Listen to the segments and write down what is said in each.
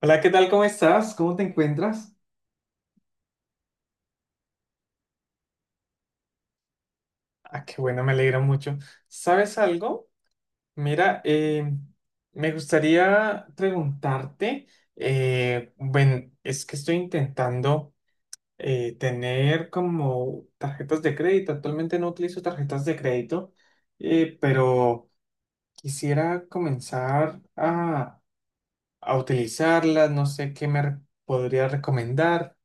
Hola, ¿qué tal? ¿Cómo estás? ¿Cómo te encuentras? Ah, qué bueno, me alegra mucho. ¿Sabes algo? Mira, me gustaría preguntarte, bueno, es que estoy intentando tener como tarjetas de crédito. Actualmente no utilizo tarjetas de crédito, pero quisiera comenzar a utilizarlas. No sé qué podría recomendar.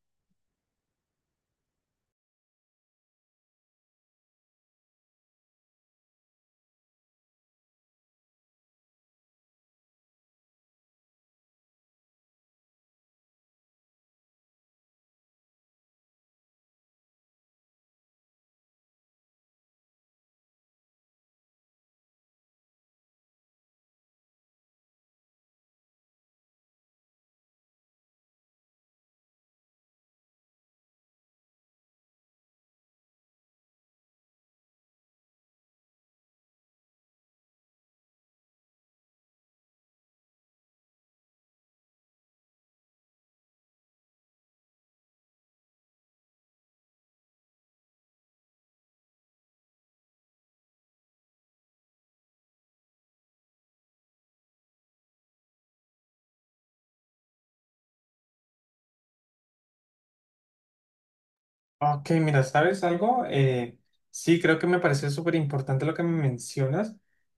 Ok, mira, ¿sabes algo? Sí, creo que me pareció súper importante lo que me mencionas,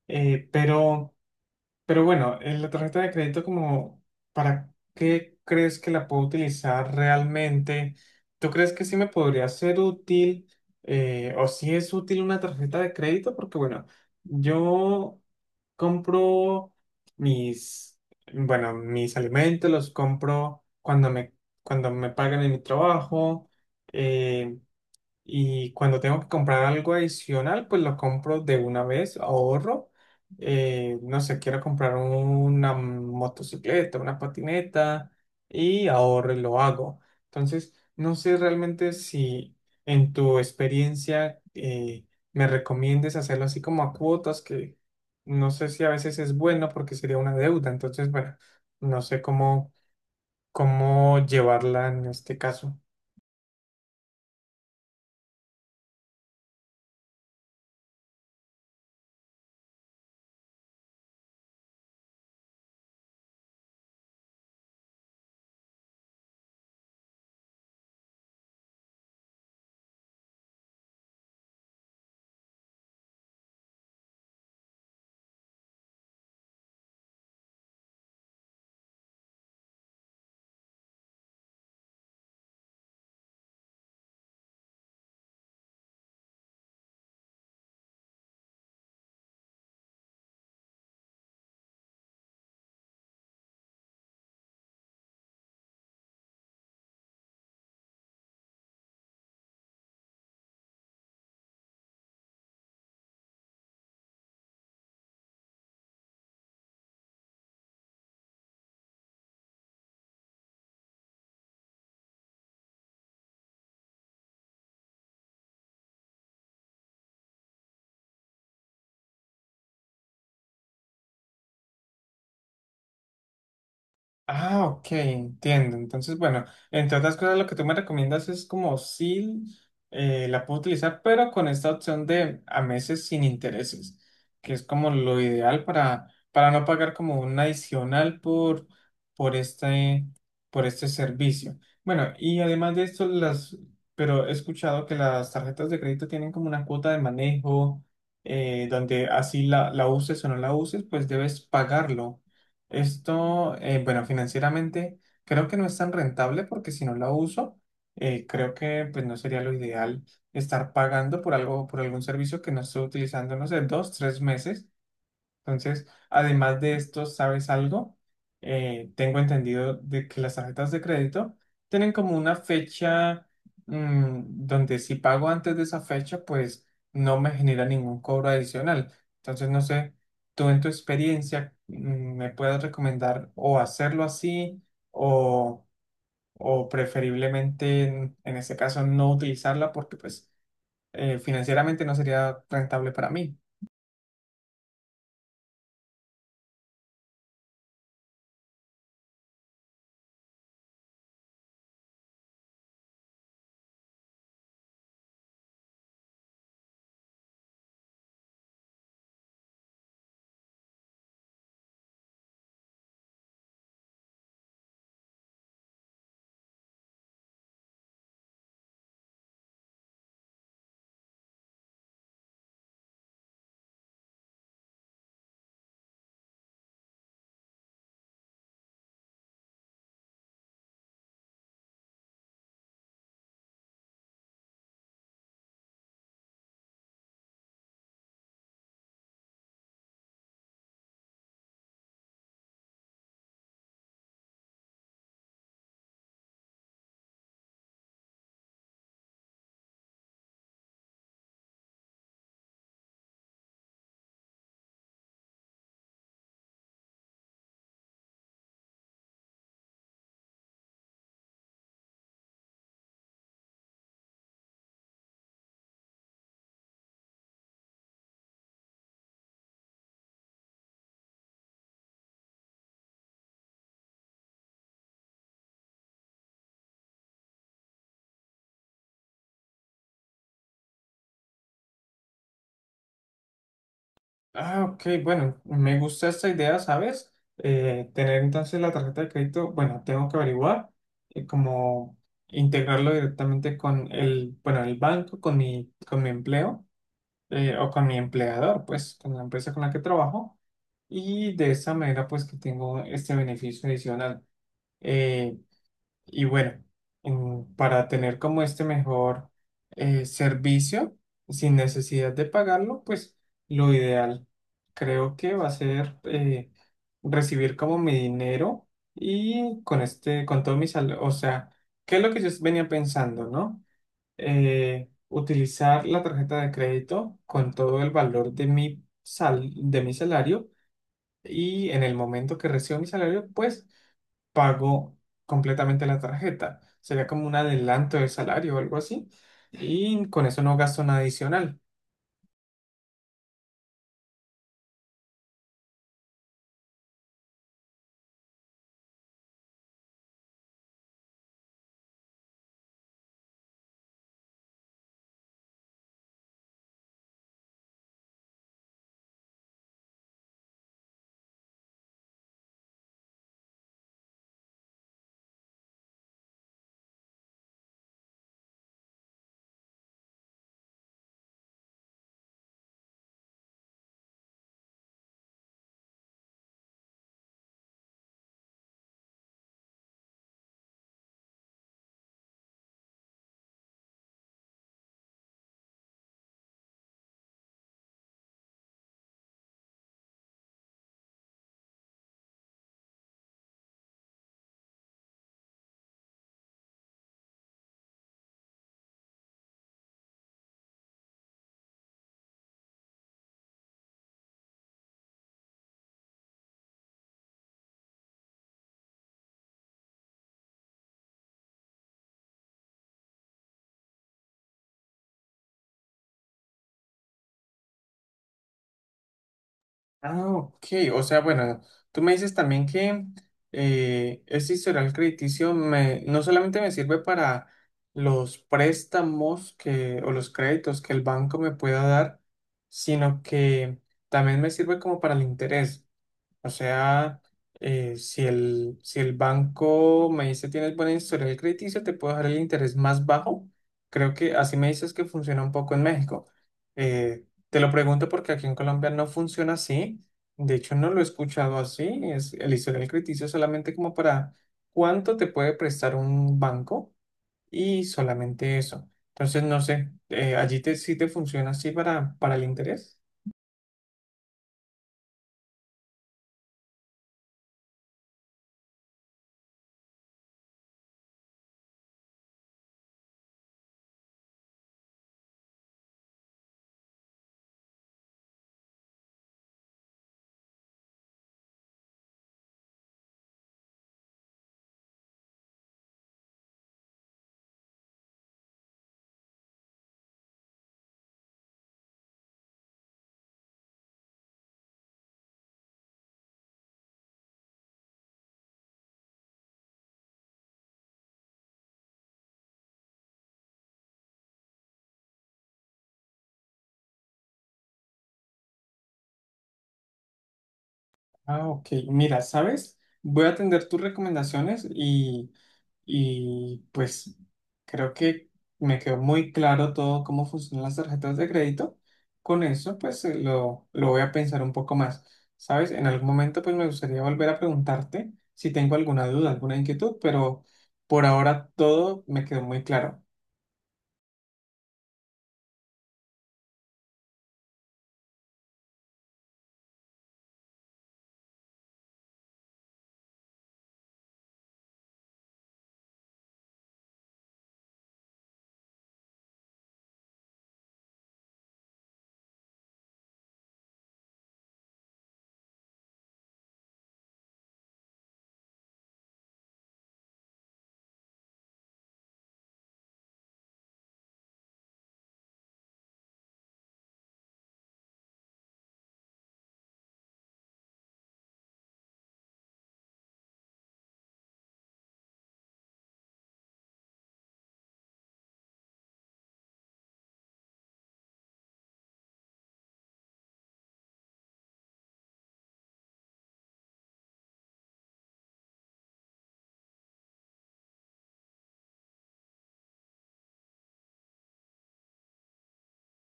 eh, pero, pero bueno, la tarjeta de crédito como, ¿para qué crees que la puedo utilizar realmente? ¿Tú crees que sí me podría ser útil o si es útil una tarjeta de crédito? Porque bueno, yo compro mis, bueno, mis alimentos los compro cuando cuando me pagan en mi trabajo. eh, y cuando tengo que comprar algo adicional, pues lo compro de una vez, ahorro. No sé, quiero comprar una motocicleta, una patineta y ahorro y lo hago. Entonces, no sé realmente si en tu experiencia me recomiendes hacerlo así como a cuotas, que no sé si a veces es bueno porque sería una deuda. Entonces, bueno, no sé cómo llevarla en este caso. Ah, ok, entiendo. Entonces, bueno, entre otras cosas, lo que tú me recomiendas es como si la puedo utilizar, pero con esta opción de a meses sin intereses, que es como lo ideal para no pagar como un adicional por este, por este servicio. Bueno, y además de esto, pero he escuchado que las tarjetas de crédito tienen como una cuota de manejo, donde así la uses o no la uses, pues debes pagarlo. Esto, bueno, financieramente creo que no es tan rentable porque si no la uso, creo que pues no sería lo ideal estar pagando por algo, por algún servicio que no estoy utilizando, no sé, dos, tres meses. Entonces, además de esto, ¿sabes algo? Tengo entendido de que las tarjetas de crédito tienen como una fecha mm, donde si pago antes de esa fecha, pues no me genera ningún cobro adicional. Entonces, no sé, tú en tu experiencia me puedes recomendar o hacerlo así o, o preferiblemente en este caso no utilizarla porque pues financieramente no sería rentable para mí. Ah, ok, bueno, me gusta esta idea, ¿sabes? Tener entonces la tarjeta de crédito, bueno, tengo que averiguar cómo integrarlo directamente con el, bueno, el banco, con con mi empleo o con mi empleador, pues, con la empresa con la que trabajo. Y de esa manera, pues, que tengo este beneficio adicional. Eh, y bueno, para tener como este mejor servicio sin necesidad de pagarlo, pues lo ideal creo que va a ser recibir como mi dinero y con este, con todo mi salario, o sea, ¿qué es lo que yo venía pensando, no? Utilizar la tarjeta de crédito con todo el valor de mi de mi salario y en el momento que recibo mi salario, pues pago completamente la tarjeta. Sería como un adelanto del salario o algo así. Y con eso no gasto nada adicional. Ah, ok. O sea, bueno, tú me dices también que ese historial crediticio me, no solamente me sirve para los préstamos que, o los créditos que el banco me pueda dar, sino que también me sirve como para el interés. O sea, si si el banco me dice tienes buena historial crediticio, te puedo dar el interés más bajo. Creo que así me dices que funciona un poco en México. Te lo pregunto porque aquí en Colombia no funciona así. De hecho, no lo he escuchado así. Es el historial crediticio solamente como para cuánto te puede prestar un banco y solamente eso. Entonces, no sé, allí te, sí te funciona así para el interés. Ah, ok. Mira, ¿sabes? Voy a atender tus recomendaciones y pues creo que me quedó muy claro todo cómo funcionan las tarjetas de crédito. Con eso, pues lo voy a pensar un poco más. ¿Sabes? En algún momento, pues me gustaría volver a preguntarte si tengo alguna duda, alguna inquietud, pero por ahora todo me quedó muy claro.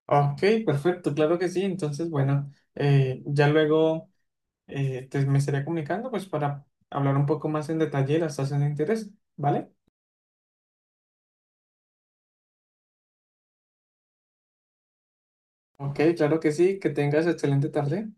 Ok, perfecto, claro que sí. Entonces, bueno, ya luego. Te- me estaré comunicando pues para hablar un poco más en detalle de las tasas de interés, ¿vale? Ok, claro que sí, que tengas excelente tarde.